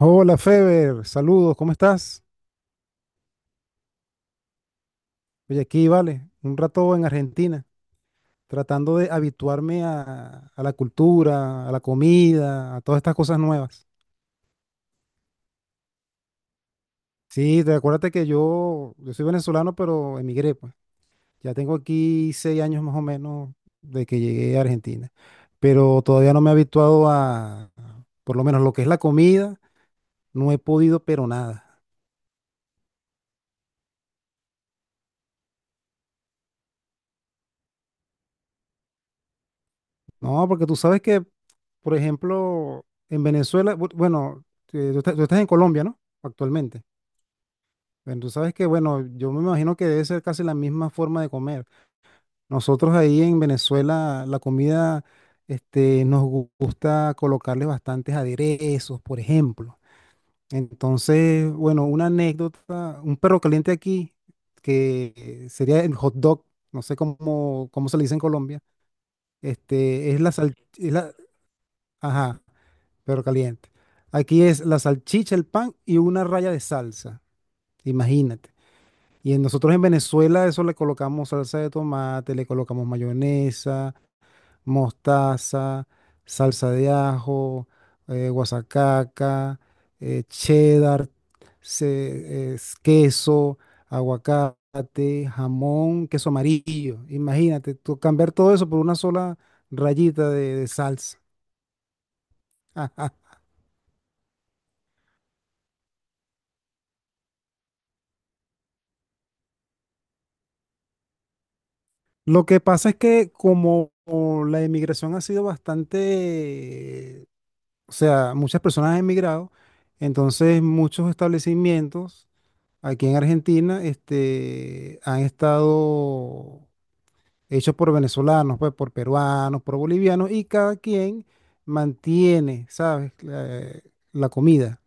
Hola Feber, saludos, ¿cómo estás? Oye, aquí vale, un rato en Argentina, tratando de habituarme a la cultura, a la comida, a todas estas cosas nuevas. Sí, te acuérdate que yo soy venezolano, pero emigré, pues. Ya tengo aquí 6 años más o menos de que llegué a Argentina, pero todavía no me he habituado a, por lo menos lo que es la comida, no he podido, pero nada. No, porque tú sabes que por ejemplo, en Venezuela, bueno, tú estás en Colombia, ¿no? Actualmente. Bueno, tú sabes que, bueno, yo me imagino que debe ser casi la misma forma de comer. Nosotros ahí en Venezuela, la comida, nos gusta colocarle bastantes aderezos, por ejemplo. Entonces, bueno, una anécdota, un perro caliente aquí, que sería el hot dog, no sé cómo se le dice en Colombia, es la sal, es la, ajá, pero caliente. Aquí es la salchicha, el pan y una raya de salsa. Imagínate. Y nosotros en Venezuela eso le colocamos salsa de tomate, le colocamos mayonesa, mostaza, salsa de ajo, guasacaca, cheddar, es queso, aguacate, jamón, queso amarillo. Imagínate, tú cambiar todo eso por una sola rayita de salsa. Lo que pasa es que como la emigración ha sido bastante, o sea, muchas personas han emigrado, entonces muchos establecimientos aquí en Argentina han estado hechos por venezolanos, pues, por peruanos, por bolivianos, y cada quien mantiene, ¿sabes? La comida,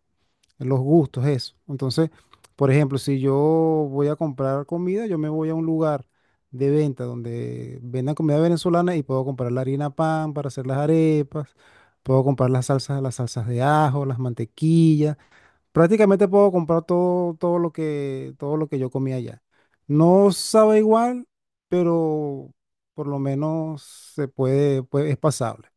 los gustos, eso. Entonces, por ejemplo, si yo voy a comprar comida, yo me voy a un lugar de venta donde vendan comida venezolana y puedo comprar la harina pan para hacer las arepas, puedo comprar las salsas de ajo, las mantequillas. Prácticamente puedo comprar todo, todo lo que yo comía allá. No sabe igual, pero por lo menos se puede, es pasable.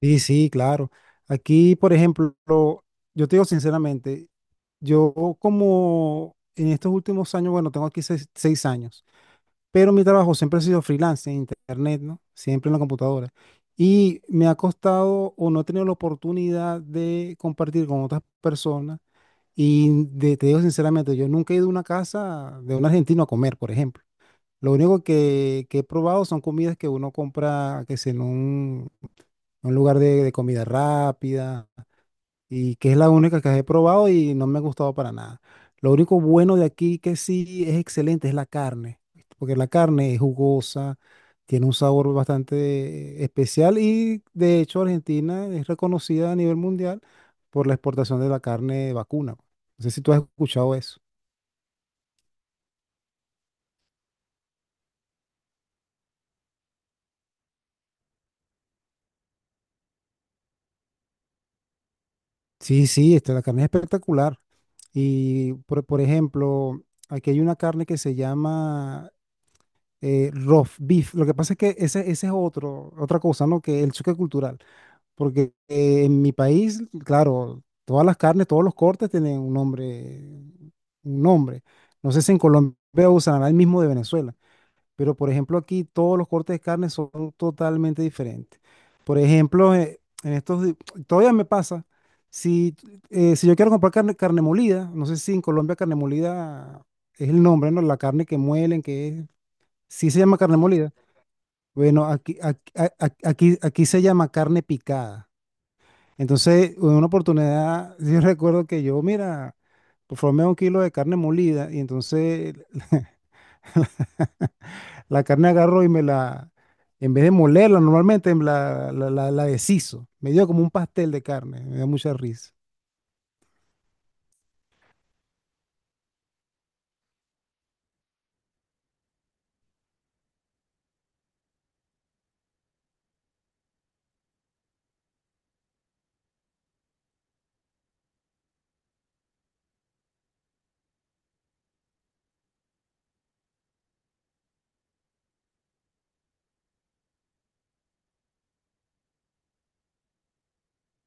Sí, sí, claro. Aquí, por ejemplo, yo te digo sinceramente, yo como en estos últimos años, bueno, tengo aquí seis años, pero mi trabajo siempre ha sido freelance en internet, ¿no? Siempre en la computadora. Y me ha costado o no he tenido la oportunidad de compartir con otras personas. Y te digo sinceramente, yo nunca he ido a una casa de un argentino a comer, por ejemplo. Lo único que he probado son comidas que uno compra, que es en un lugar de comida rápida, y que es la única que he probado y no me ha gustado para nada. Lo único bueno de aquí que sí es excelente es la carne, porque la carne es jugosa, tiene un sabor bastante especial y de hecho Argentina es reconocida a nivel mundial por la exportación de la carne de vacuna. No sé si tú has escuchado eso. Sí, sí, la carne es espectacular. Y por ejemplo, aquí hay una carne que se llama roast beef. Lo que pasa es que ese es otro, otra cosa, ¿no? Que el choque cultural. Porque en mi país, claro, todas las carnes, todos los cortes tienen un nombre, un nombre. No sé si en Colombia usarán el mismo de Venezuela. Pero por ejemplo aquí todos los cortes de carne son totalmente diferentes. Por ejemplo, en estos todavía me pasa, si, si yo quiero comprar carne, carne molida, no sé si en Colombia carne molida es el nombre, ¿no? La carne que muelen, que es, sí se llama carne molida. Bueno, aquí, aquí, a- aquí, aquí se llama carne picada. Entonces, en una oportunidad, yo recuerdo que yo, mira, por favor, me da 1 kilo de carne molida y entonces la carne agarró y me la, en vez de molerla normalmente, me la deshizo. Me dio como un pastel de carne, me dio mucha risa.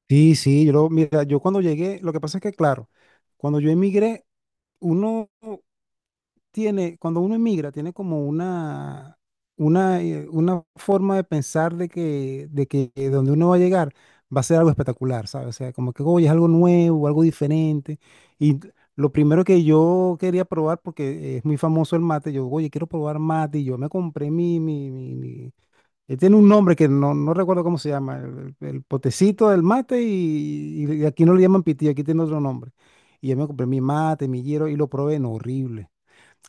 Sí, sí, mira, yo cuando llegué, lo que pasa es que, claro, cuando yo emigré, uno tiene, cuando uno emigra, tiene como una, una forma de pensar de que, donde uno va a llegar va a ser algo espectacular, ¿sabes? O sea, como que, oye, es algo nuevo, algo diferente. Y lo primero que yo quería probar, porque es muy famoso el mate, oye, quiero probar mate, y yo me compré mi tiene un nombre que no recuerdo cómo se llama, el potecito del mate y aquí no le llaman pitillo, aquí tiene otro nombre. Y yo me compré mi mate, mi hierro y lo probé, no, horrible.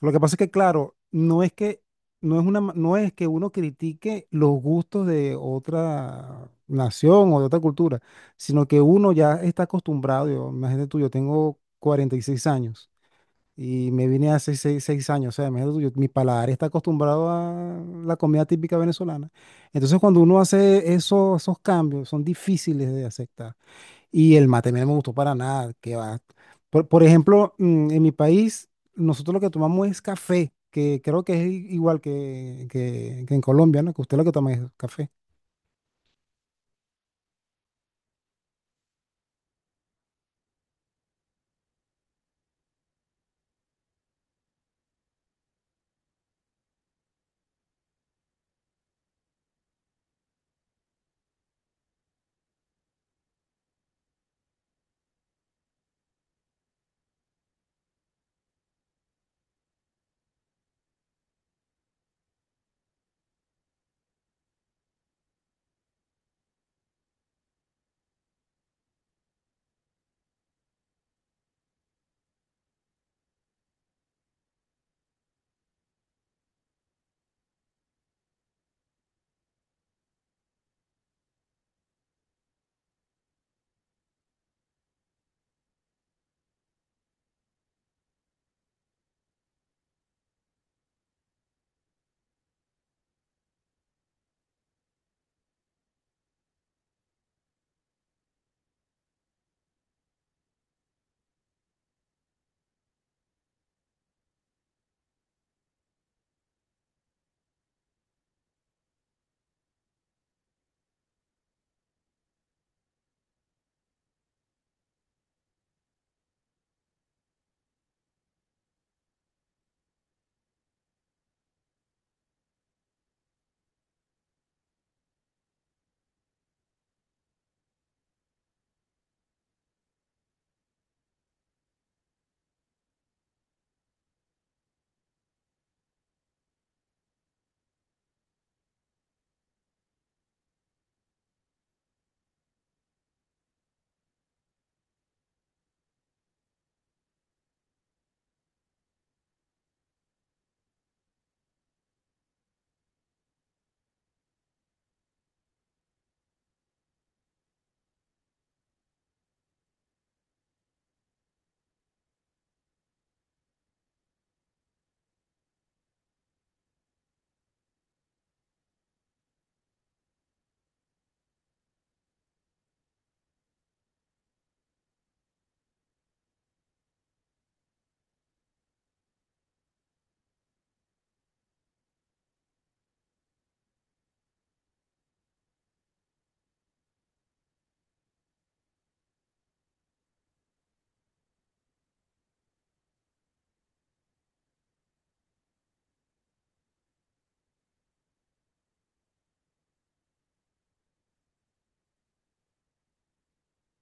Lo que pasa es que, claro, no es que, no es una, no es que uno critique los gustos de otra nación o de otra cultura, sino que uno ya está acostumbrado. Yo, imagínate tú, yo tengo 46 años. Y me vine hace seis años, o sea, imagínate tú, mi paladar está acostumbrado a la comida típica venezolana. Entonces, cuando uno hace esos cambios, son difíciles de aceptar. Y el mate a mí no me gustó para nada, que va. Por ejemplo, en mi país, nosotros lo que tomamos es café, que creo que es igual que, que en Colombia, ¿no? Que usted lo que toma es café.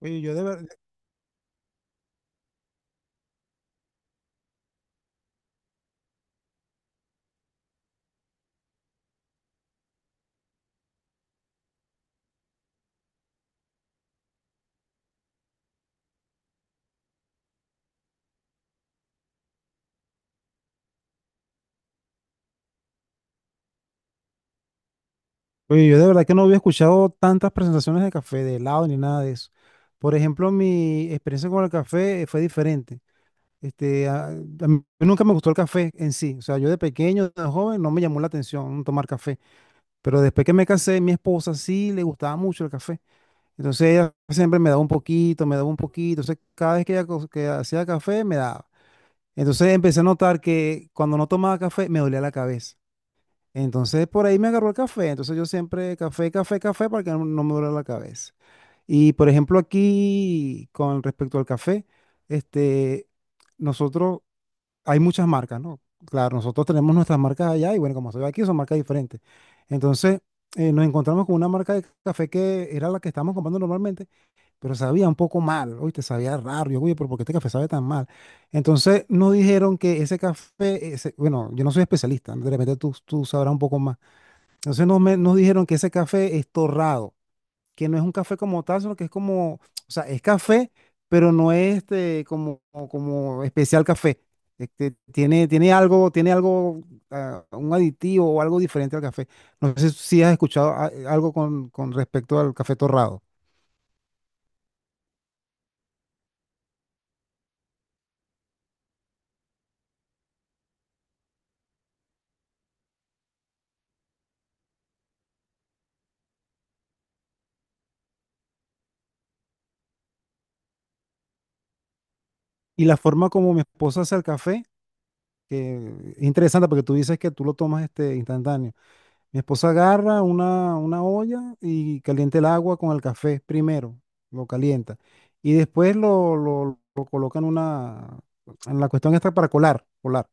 Oye, yo de verdad, oye, yo de verdad que no había escuchado tantas presentaciones de café, de helado, ni nada de eso. Por ejemplo, mi experiencia con el café fue diferente. A mí nunca me gustó el café en sí. O sea, yo de pequeño, de joven, no me llamó la atención tomar café. Pero después que me casé, mi esposa sí le gustaba mucho el café. Entonces ella siempre me daba un poquito, me daba un poquito. Entonces cada vez que ella que hacía café, me daba. Entonces empecé a notar que cuando no tomaba café, me dolía la cabeza. Entonces por ahí me agarró el café. Entonces yo siempre café, café, café para que no me duela la cabeza. Y por ejemplo aquí, con respecto al café, este, nosotros hay muchas marcas, ¿no? Claro, nosotros tenemos nuestras marcas allá y bueno, como estoy aquí, son marcas diferentes. Entonces, nos encontramos con una marca de café que era la que estábamos comprando normalmente, pero sabía un poco mal, oye, te sabía raro. Oye, pero ¿por qué este café sabe tan mal? Entonces, nos dijeron que ese café, bueno, yo no soy especialista, de repente tú sabrás un poco más. Entonces, nos dijeron que ese café es torrado, que no es un café como tal, sino que es como, o sea, es café, pero no es como especial café. Tiene algo, tiene algo, ah, un aditivo o algo diferente al café. No sé si has escuchado algo con respecto al café torrado. Y la forma como mi esposa hace el café, que es interesante porque tú dices que tú lo tomas instantáneo. Mi esposa agarra una olla y calienta el agua con el café primero, lo calienta. Y después lo coloca en una, en la cuestión esta para colar, colar.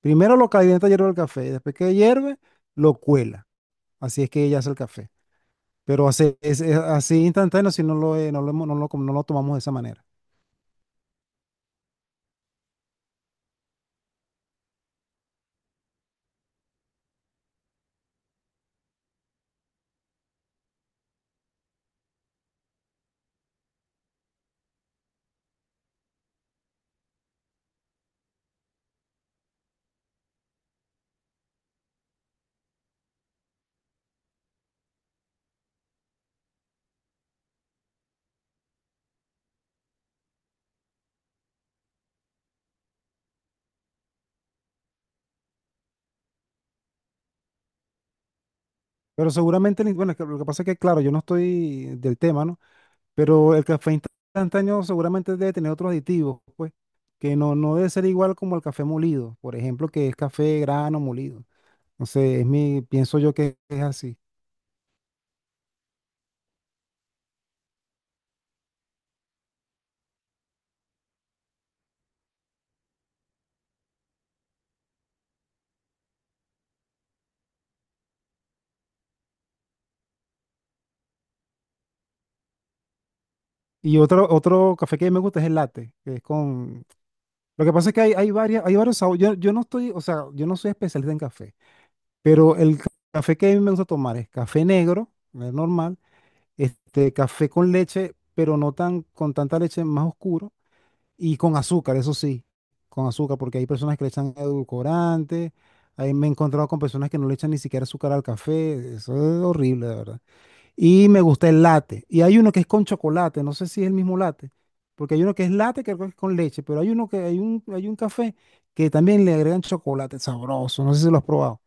Primero lo calienta hierve el café, y después que hierve, lo cuela. Así es que ella hace el café. Pero hace, es así instantáneo si no lo tomamos de esa manera. Pero seguramente, bueno, es que lo que pasa es que, claro, yo no estoy del tema, ¿no? Pero el café instantáneo seguramente debe tener otros aditivos, pues, que no debe ser igual como el café molido, por ejemplo, que es café grano molido. No sé, pienso yo que es así. Y otro café que me gusta es el latte, que es con. Lo que pasa es que hay varias, hay varios sabores. Yo no estoy, o sea, yo no soy especialista en café, pero el café que a mí me gusta tomar es café negro, el normal, café con leche, pero no tan, con tanta leche más oscuro. Y con azúcar, eso sí, con azúcar, porque hay personas que le echan edulcorante, ahí me he encontrado con personas que no le echan ni siquiera azúcar al café, eso es horrible, de verdad. Y me gusta el latte, y hay uno que es con chocolate, no sé si es el mismo latte, porque hay uno que es latte que creo que es con leche, pero hay uno que hay un café que también le agregan chocolate sabroso, no sé si lo has probado.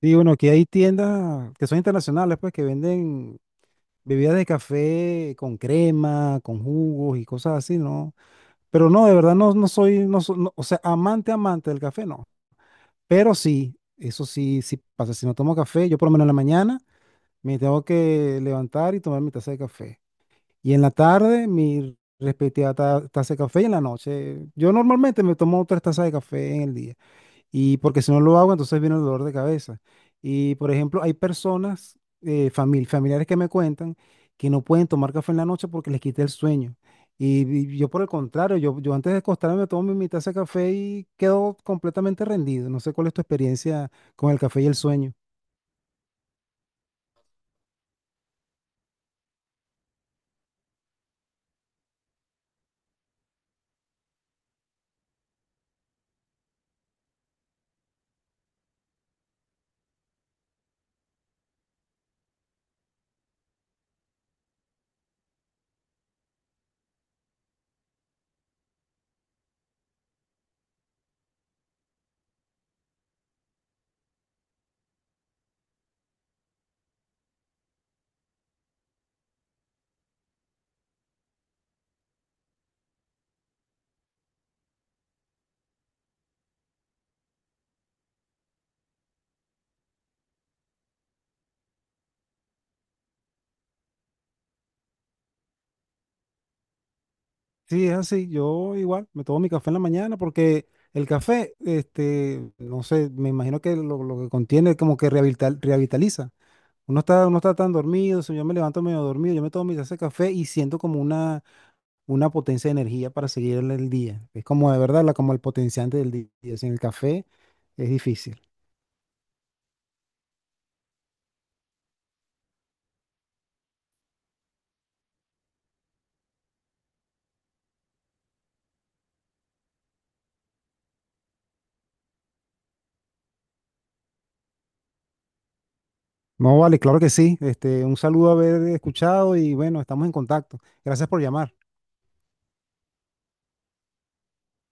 Y bueno, que hay tiendas que son internacionales, pues, que venden bebidas de café con crema, con jugos y cosas así, ¿no? Pero no, de verdad no, no soy, no, no, o sea, amante, amante del café, no. Pero sí, eso sí, sí pasa. Si no tomo café, yo por lo menos en la mañana me tengo que levantar y tomar mi taza de café. Y en la tarde, mi respectiva taza de café y en la noche. Yo normalmente me tomo tres tazas de café en el día. Y porque si no lo hago, entonces viene el dolor de cabeza. Y por ejemplo, hay personas, familiares que me cuentan que no pueden tomar café en la noche porque les quita el sueño. Y, y yo por el contrario, yo antes de acostarme me tomo mi taza de café y quedo completamente rendido. No sé cuál es tu experiencia con el café y el sueño. Sí, es así. Yo igual me tomo mi café en la mañana porque el café, no sé, me imagino que lo que contiene como que rehabilitaliza. Uno está tan dormido, si yo me levanto medio dormido, yo me tomo mi taza de café y siento como una potencia de energía para seguir el día. Es como de verdad, como el potenciante del día. Sin el café es difícil. No, vale, claro que sí. Un saludo haber escuchado y bueno, estamos en contacto. Gracias por llamar.